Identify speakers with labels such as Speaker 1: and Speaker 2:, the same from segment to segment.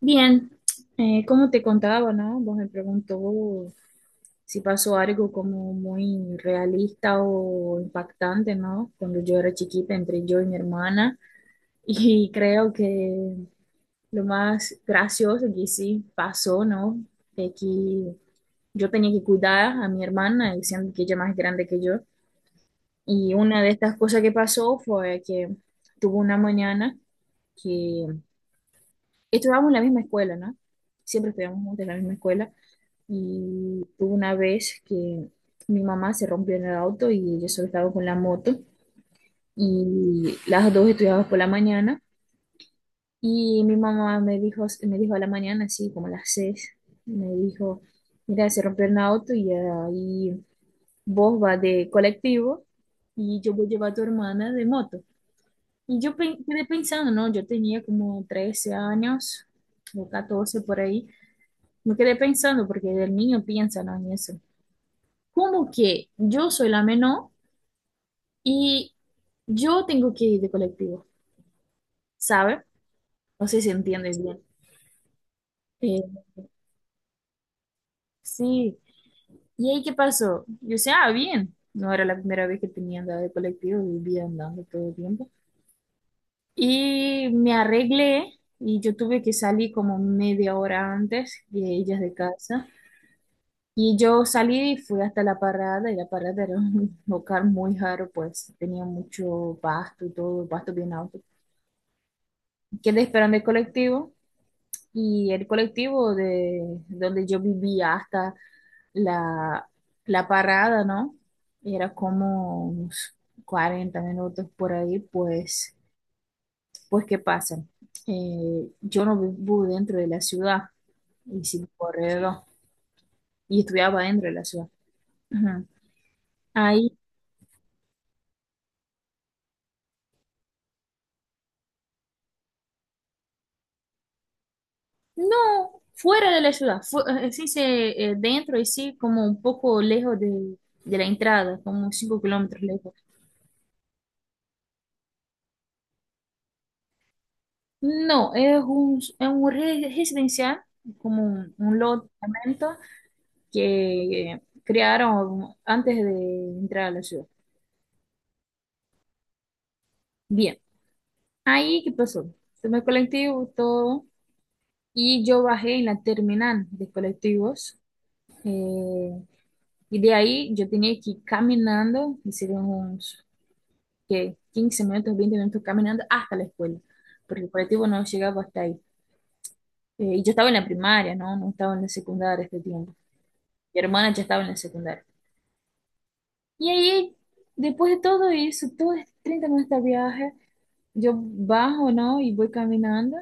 Speaker 1: Bien, como te contaba, ¿no? Vos me preguntó si pasó algo como muy realista o impactante, ¿no? Cuando yo era chiquita entre yo y mi hermana. Y creo que lo más gracioso que sí pasó, ¿no? Es que yo tenía que cuidar a mi hermana, y siendo que ella es más grande que yo. Y una de estas cosas que pasó fue que tuvo una mañana que estudiábamos en la misma escuela, ¿no? Siempre estudiamos juntos en la misma escuela y hubo una vez que mi mamá se rompió en el auto y yo solo estaba con la moto y las dos estudiábamos por la mañana y mi mamá me dijo a la mañana, así como a las 6, me dijo, mira, se rompió el auto y ahí vos vas de colectivo y yo voy a llevar a tu hermana de moto. Y yo quedé pensando, ¿no? Yo tenía como 13 años o 14 por ahí. Me quedé pensando, porque el niño piensa no en eso. Como que yo soy la menor y yo tengo que ir de colectivo, ¿sabe? No sé si entiendes bien. Eh, sí. ¿Y ahí qué pasó? Yo decía, ah, bien. No era la primera vez que tenía andado de colectivo, vivía andando todo el tiempo. Y me arreglé y yo tuve que salir como media hora antes de ellas de casa. Y yo salí y fui hasta la parada, y la parada era un lugar muy raro, pues tenía mucho pasto y todo, pasto bien alto. Quedé esperando el colectivo y el colectivo de donde yo vivía hasta la, la parada, ¿no? Era como unos 40 minutos por ahí, pues, pues ¿qué pasa? Yo no vivo dentro de la ciudad y sin corredor y estudiaba dentro de la ciudad. Ujú. Ahí. No, fuera de la ciudad, sí, dentro y sí, como un poco lejos de la entrada, como 5 kilómetros lejos. No, es un residencial, como un lote de apartamento que crearon antes de entrar a la ciudad. Bien, ahí, ¿qué pasó? Tomé el colectivo, todo, y yo bajé en la terminal de colectivos. eh, y de ahí yo tenía que ir caminando, hicieron unos que 15 minutos, 20 minutos caminando hasta la escuela, porque el colectivo no llegaba hasta ahí. Y yo estaba en la primaria, ¿no? No estaba en la secundaria este tiempo. Mi hermana ya estaba en la secundaria. Y ahí, después de todo eso, todos estos 30 minutos de viaje, yo bajo, ¿no? Y voy caminando.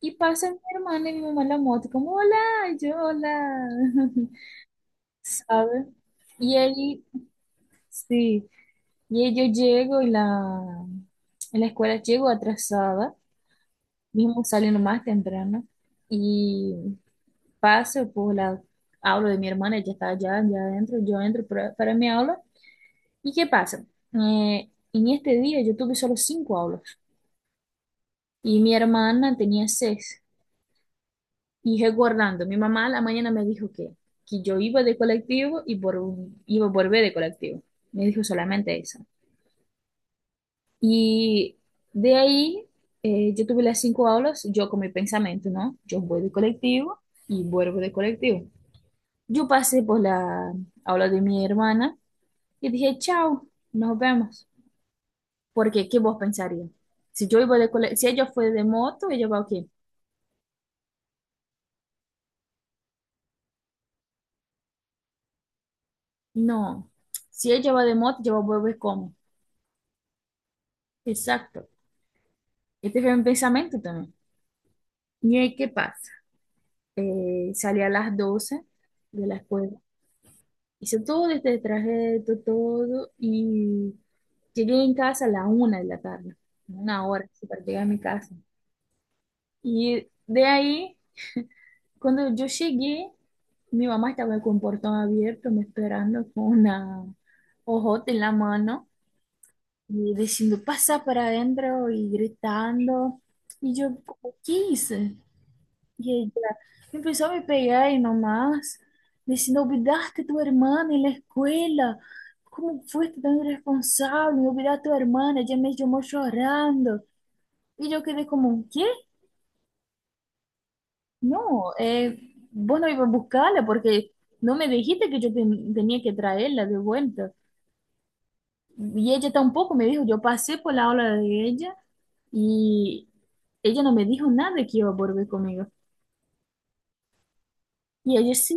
Speaker 1: Y pasa mi hermana y mi mamá en la moto, como, hola, y yo, hola, ¿sabes? Y ahí, sí, y ahí yo llego y la, en la escuela llego atrasada mismo saliendo más temprano y paso por la aula de mi hermana, ella está allá, allá adentro, yo entro para mi aula. ¿Y qué pasa? En este día yo tuve solo cinco aulas y mi hermana tenía seis. Y recordando, mi mamá a la mañana me dijo que yo iba de colectivo y por, iba a volver de colectivo. Me dijo solamente eso. Y de ahí yo tuve las cinco aulas, yo con mi pensamiento, ¿no? Yo voy de colectivo y vuelvo de colectivo. Yo pasé por la aula de mi hermana y dije, chao, nos vemos. Porque, ¿qué vos pensarías? Si yo iba de cole- si ella fue de moto, ella va qué? No. Si ella va de moto, yo voy a volver cómo. Exacto. Este fue mi pensamiento también. Y ahí, ¿qué pasa? Salí a las 12 de la escuela. Hice todo este trayecto, todo, y llegué en casa a la 1 de la tarde. Una hora, así, para llegar a mi casa. Y de ahí cuando yo llegué, mi mamá estaba con portón abierto, me esperando con una ojote en la mano y diciendo, pasa para adentro y gritando. Y yo, como, ¿qué hice? Y ella empezó a me pegar y nomás, diciendo, olvidaste a tu hermana en la escuela. ¿Cómo fuiste tan irresponsable? Me olvidaste a tu hermana, ella me llamó llorando. Y yo quedé como, ¿qué? No, vos no ibas a buscarla porque no me dijiste que yo tenía que traerla de vuelta. Y ella tampoco me dijo, yo pasé por la aula de ella y ella no me dijo nada que iba a volver conmigo. Y ella sí,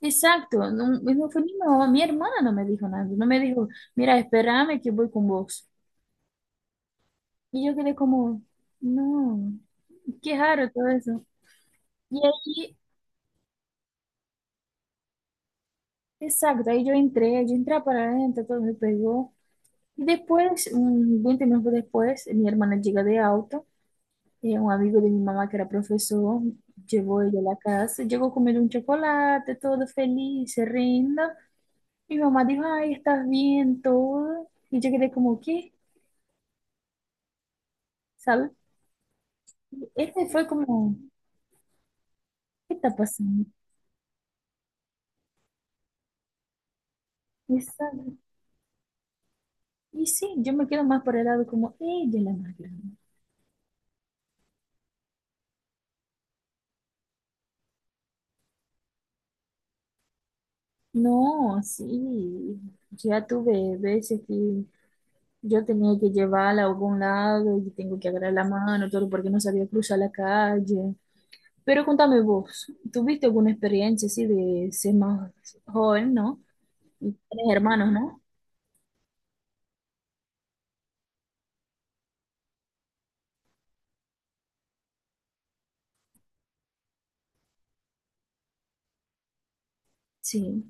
Speaker 1: exacto, no, no fue ni mi mamá, mi hermana no me dijo nada, no me dijo, mira, espérame que voy con vos. Y yo quedé como, no, qué raro todo eso. Y ahí, exacto, ahí yo entré para adentro, todo me pegó. Después, un 20 minutos después, mi hermana llega de auto. Un amigo de mi mamá, que era profesor, llevó ella a la casa. Llegó comiendo un chocolate, todo feliz, se. Mi mamá dijo, ay, estás bien, todo. Y yo quedé como, ¿qué? ¿Sabes? Este fue como, ¿qué está pasando? Y, y sí, yo me quedo más por el lado como, ella es la más grande. No, sí, ya tuve veces que yo tenía que llevarla a algún lado y tengo que agarrar la mano, todo porque no sabía cruzar la calle. Pero contame vos, ¿tuviste alguna experiencia así de ser más joven, ¿no? Y tienes hermanos, ¿no? Sí,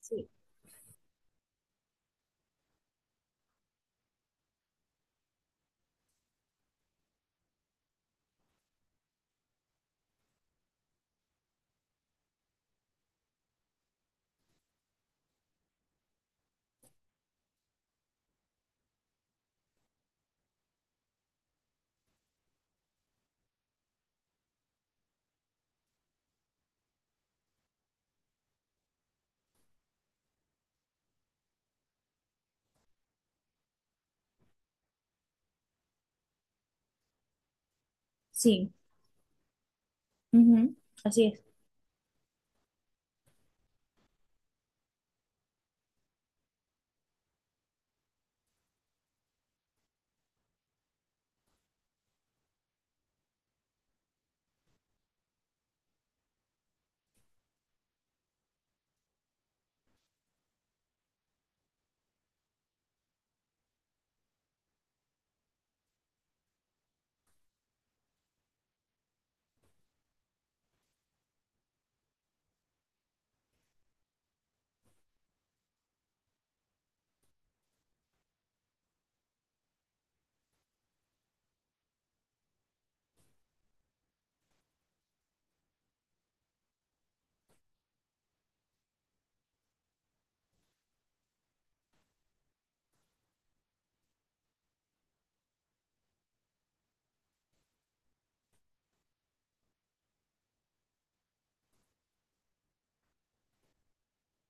Speaker 1: sí, sí, ujú, así es.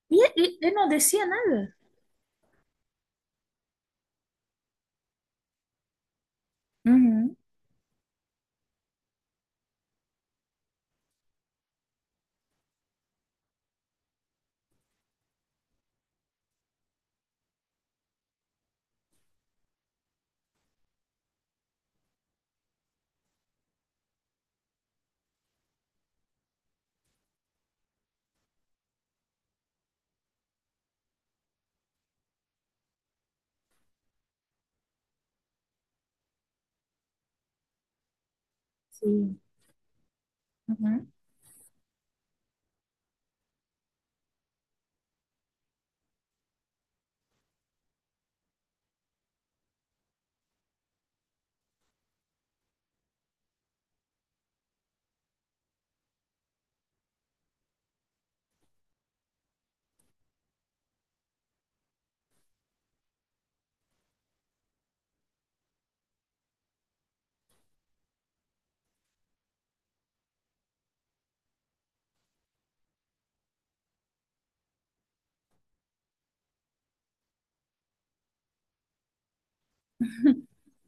Speaker 1: Y él no decía nada. Ujú, sí. Ujú.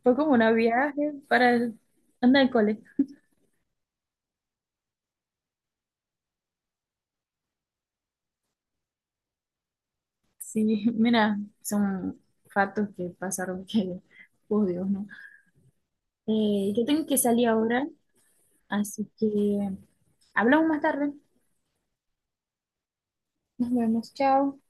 Speaker 1: Fue como un viaje para el- andar al cole. Sí, mira, son fatos que pasaron que, por Dios, ¿no? Yo tengo que salir ahora, así que hablamos más tarde. Nos vemos. Chao.